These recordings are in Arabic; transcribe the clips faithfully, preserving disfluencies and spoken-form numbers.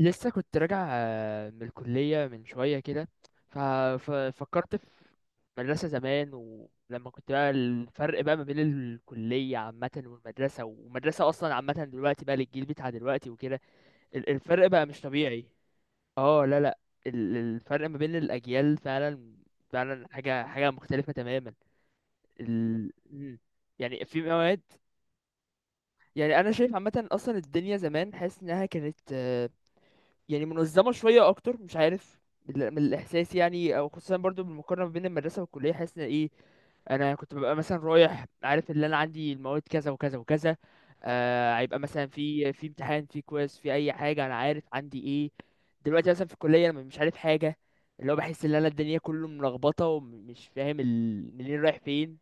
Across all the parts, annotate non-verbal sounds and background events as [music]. لسه كنت راجع آه، من الكلية من شوية كده. ف- ففكرت في مدرسة زمان. ولما كنت بقى، الفرق بقى ما بين الكلية عامة والمدرسة، ومدرسة أصلا عامة دلوقتي بقى للجيل بتاع دلوقتي وكده، ال- الفرق بقى مش طبيعي. اه، لا لا، ال- الفرق ما بين الأجيال فعلا، فعلا حاجة حاجة مختلفة تماما. ال... مم. يعني في مواد. يعني أنا شايف عامة، أصلا الدنيا زمان حاسس إنها كانت يعني منظمة شوية أكتر، مش عارف، من من الإحساس يعني. أو خصوصا برضو بالمقارنة بين المدرسة والكلية، حاسس إن إيه، أنا كنت ببقى مثلا رايح عارف إن أنا عندي المواد كذا وكذا وكذا. آه، هيبقى مثلا في في امتحان، في كويز، في أي حاجة، أنا عارف عندي إيه. دلوقتي مثلا في الكلية أنا مش عارف حاجة، اللي هو بحس إن أنا الدنيا كله ملخبطة، ومش فاهم ال- منين رايح فين.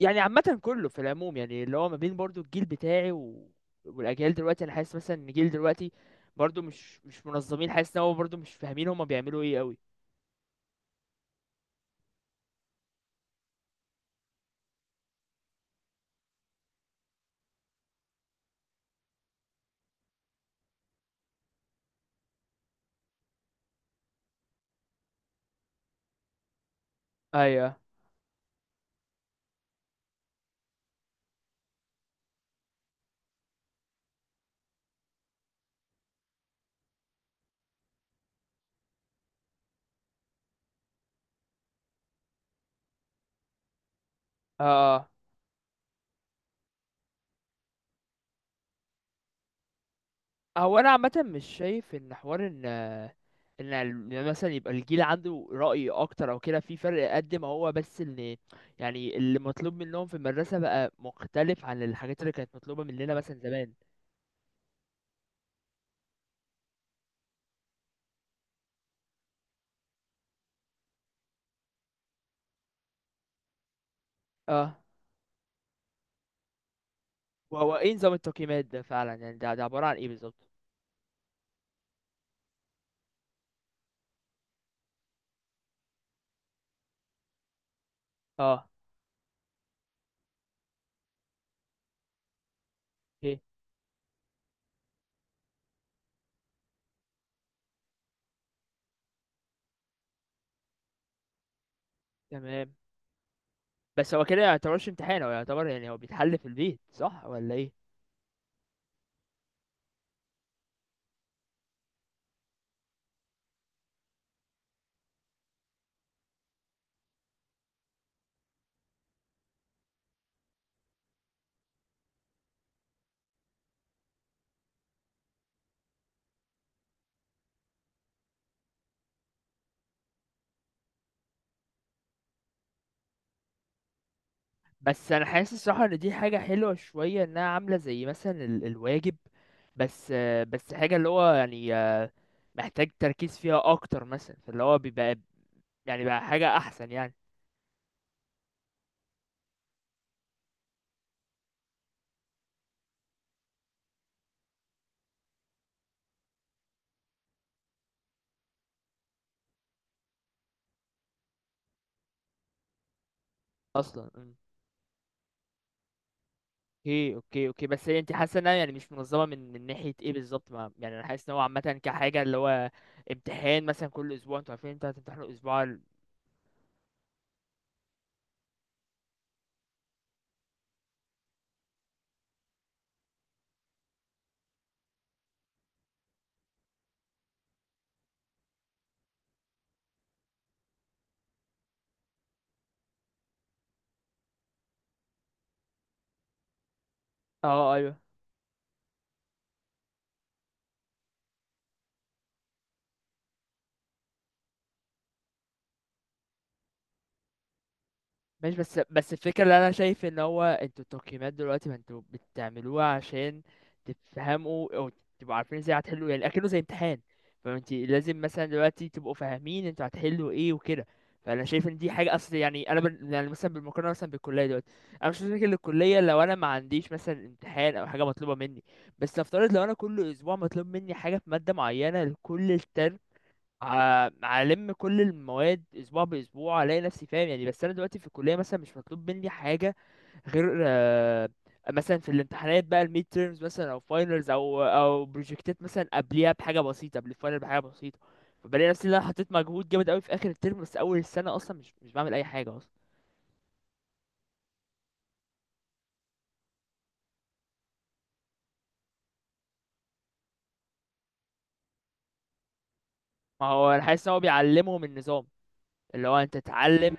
يعني عامة كله في العموم، يعني اللي هو ما بين برضو الجيل بتاعي و... والأجيال دلوقتي. أنا حاسس مثلا إن الجيل دلوقتي برضو مش مش منظمين، حاسس إن هو برضو مش فاهمين هما بيعملوا إيه أوي. أيوه. آه. هو أنا عامة مش شايف إن حوار إن، إن ال- إن مثلا يبقى الجيل عنده رأي أكتر أو كده، في فرق قد ما هو، بس إن يعني اللي مطلوب منهم في المدرسة بقى مختلف عن الحاجات اللي كانت مطلوبة مننا مثلا زمان. اه. وهو إيه نظام التقييمات ده فعلا؟ يعني ده، ده عبارة عن إيه بالظبط؟ اه. اوكي. تمام. بس هو كده ما يعتبرش امتحان؟ هو يعتبر، يعني هو بيتحل في البيت، صح ولا ايه؟ بس انا حاسس الصراحه ان دي حاجه حلوه شويه، انها عامله زي مثلا ال- الواجب، بس آه، بس حاجه اللي هو يعني، آه، محتاج تركيز فيها اكتر مثلا، فاللي هو بيبقى يعني بقى حاجه احسن يعني. اصلا. مم. اوكي، اوكي، اوكي. بس هي انت حاسه انها يعني مش منظمه من من ناحيه ايه بالظبط؟ ما- يعني انا حاسس ان هو عامه كحاجه اللي هو امتحان مثلا كل اسبوع، انتوا عارفين انتوا هتمتحنوا اسبوع ال- اه. ايوه. ماشي. بس بس الفكرة اللي أنا شايف إن هو، انتوا التقييمات دلوقتي ما انتوا بتعملوها عشان تفهموا، أو تبقوا عارفين ازاي هتحلوا، يعني أكنه زي امتحان. فانت لازم مثلا دلوقتي تبقوا فاهمين انتوا هتحلوا ايه وكده. فأنا شايف إن دي حاجة أصل، يعني أنا بن... يعني مثلا بالمقارنة مثلا بالكلية دلوقتي، أنا مش فاكر للكلية لو أنا ما عنديش مثلا امتحان أو حاجة مطلوبة مني. بس نفترض لو أنا كل أسبوع مطلوب مني حاجة في مادة معينة لكل الترم، ع- هلم كل المواد اسبوع باسبوع، الاقي نفسي فاهم يعني. بس انا دلوقتي في الكليه مثلا مش مطلوب مني حاجه غير آه، مثلا في الامتحانات بقى، الميد تيرمز مثلا، او فاينلز، او او بروجكتات مثلا قبليها بحاجه بسيطه، قبل الفاينل بحاجه بسيطه. فبلاقي نفسي ان انا حطيت مجهود جامد قوي في اخر الترم، بس اول السنه اصلا مش مش بعمل اي حاجه اصلا. ما هو انا حاسس ان هو بيعلمهم النظام، اللي هو انت تتعلم.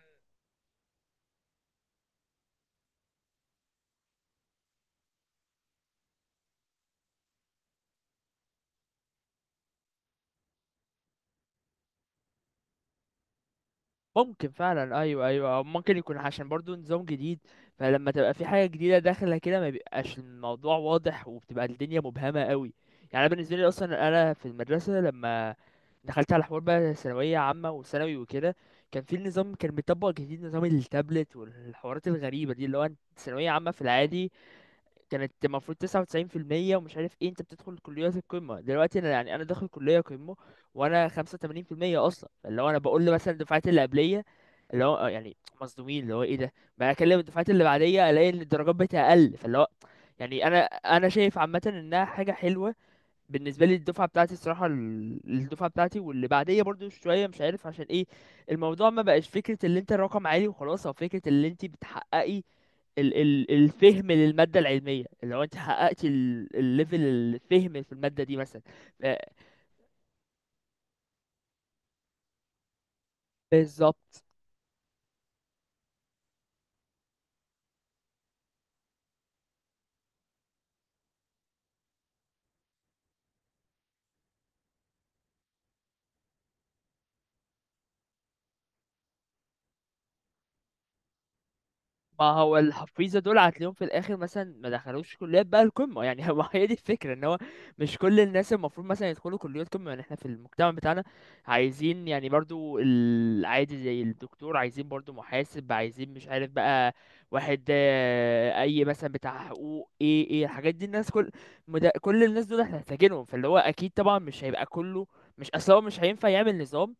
ممكن فعلا، ايوه، ايوه. أو ممكن يكون عشان برضو نظام جديد، فلما تبقى في حاجه جديده داخله كده، ما بيبقاش الموضوع واضح، وبتبقى الدنيا مبهمه قوي. يعني أنا بالنسبه لي اصلا، انا في المدرسه لما دخلت على حوار بقى ثانويه عامه وثانوي وكده، كان في النظام كان بيطبق جديد، نظام التابلت والحوارات الغريبه دي، اللي هو أنت ثانويه عامه في العادي كانت المفروض تسعة وتسعين في المية ومش عارف ايه، انت بتدخل كليات القمة. دلوقتي انا، يعني انا داخل كلية قمة وانا خمسة وتمانين في المية اصلا، فاللي هو انا بقول له مثلا الدفعات اللي قبلية، اللي هو آه يعني مصدومين اللي هو ايه ده. بقى اكلم الدفعات اللي بعدية، الاقي ان الدرجات بتاعي اقل، فاللي هو يعني انا انا شايف عامة انها حاجة حلوة بالنسبه لي. الدفعه بتاعتي الصراحه، ال- الدفعه بتاعتي واللي بعديه برضو شويه، مش عارف عشان ايه، الموضوع ما بقاش فكره اللي انت الرقم عالي وخلاص، او فكره اللي انت بتحققي ال ال الفهم للمادة العلمية، اللي هو انت حققتي ال- الليفل، الفهم في المادة دي مثلا. ف- بالظبط. ما هو الحفيظه دول هتلاقيهم في الاخر مثلا ما دخلوش كليات بقى القمه يعني. [laughs] هو هي دي الفكره، ان هو مش كل الناس المفروض مثلا يدخلوا كليات قمه، يعني احنا في المجتمع بتاعنا عايزين يعني برضو العادي، زي الدكتور، عايزين برضو محاسب، عايزين مش عارف بقى، واحد آه، اي مثلا بتاع حقوق، ايه ايه الحاجات دي، الناس كل، مد... كل الناس دول احنا محتاجينهم. فاللي هو اكيد طبعا مش هيبقى كله، مش اصلا هو مش هينفع يعمل نظام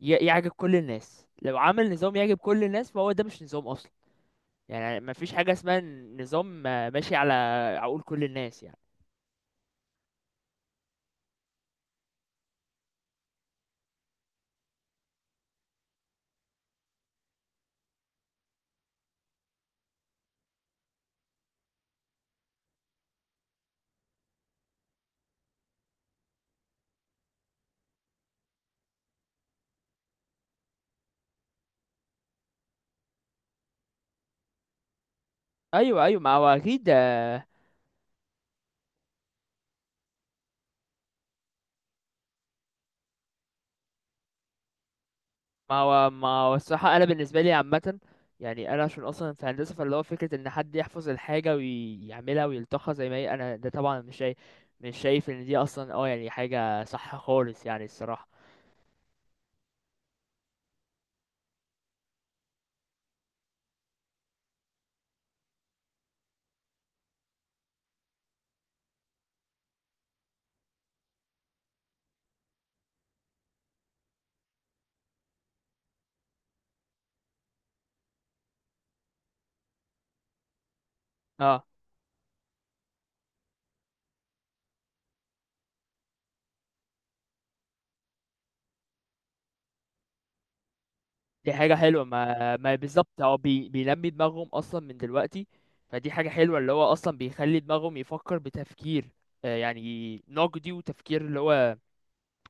ي- يعجب كل الناس. لو عمل نظام يعجب كل الناس، فهو ده مش نظام اصلا، يعني ما فيش حاجة اسمها نظام آه، ماشي على عقول كل الناس يعني. ايوه، ايوه، ما هو اكيد، آه، ما هو ما هو الصراحة انا بالنسبة لي عامة، يعني انا عشان اصلا في هندسة، فاللي هو فكرة ان حد يحفظ الحاجة ويعملها ويلتقها زي ما هي، انا ده طبعا مش شايف، مش شايف ان دي اصلا اه يعني حاجة صح خالص يعني الصراحة. اه. دي حاجة حلوة. ما ما بالظبط، هو بي... بينمي دماغهم اصلا من دلوقتي. فدي حاجة حلوة، اللي هو اصلا بيخلي دماغهم يفكر بتفكير آه، يعني نقدي، وتفكير اللي هو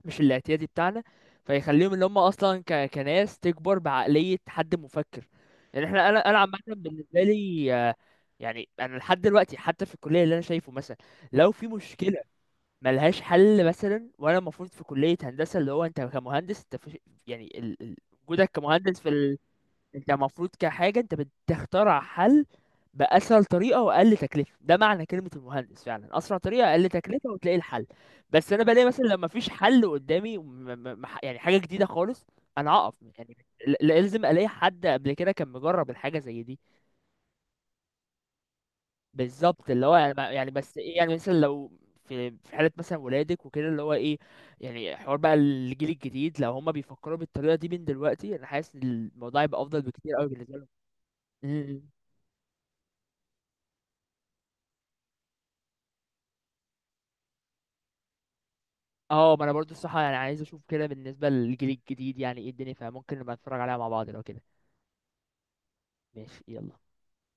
مش الاعتيادي بتاعنا. فيخليهم اللي هم اصلا ك... كناس تكبر بعقلية حد مفكر. يعني احنا، انا انا عامة بالنسبة لي آه، يعني انا لحد دلوقتي حتى في الكلية اللي انا شايفه، مثلا لو في مشكلة ملهاش حل مثلا، وانا المفروض في كلية هندسة، اللي هو انت كمهندس انت في، يعني ال... ال- وجودك كمهندس، في انت المفروض كحاجة انت بتخترع حل بأسهل طريقة وأقل تكلفة، ده معنى كلمة المهندس فعلا، أسرع طريقة، أقل تكلفة، وتلاقي الحل. بس أنا بلاقي مثلا لما مفيش حل قدامي، وم- م- م- يعني حاجة جديدة خالص، أنا أقف يعني، ل- لازم ألاقي حد قبل كده كان مجرب الحاجة زي دي. بالظبط، اللي هو يعني، ما- يعني بس إيه، يعني مثلا لو في في حالة مثلا ولادك وكده، اللي هو إيه، يعني حوار بقى الجيل الجديد لو هما بيفكروا بالطريقة دي من دلوقتي، أنا حاسس إن الموضوع يبقى أفضل بكتير أوي بالنسبة لهم. اه، ما انا برضو الصراحه يعني عايز اشوف كده بالنسبه للجيل الجديد يعني ايه الدنيا، فممكن نبقى نتفرج عليها مع بعض لو كده. ماشي، يلا.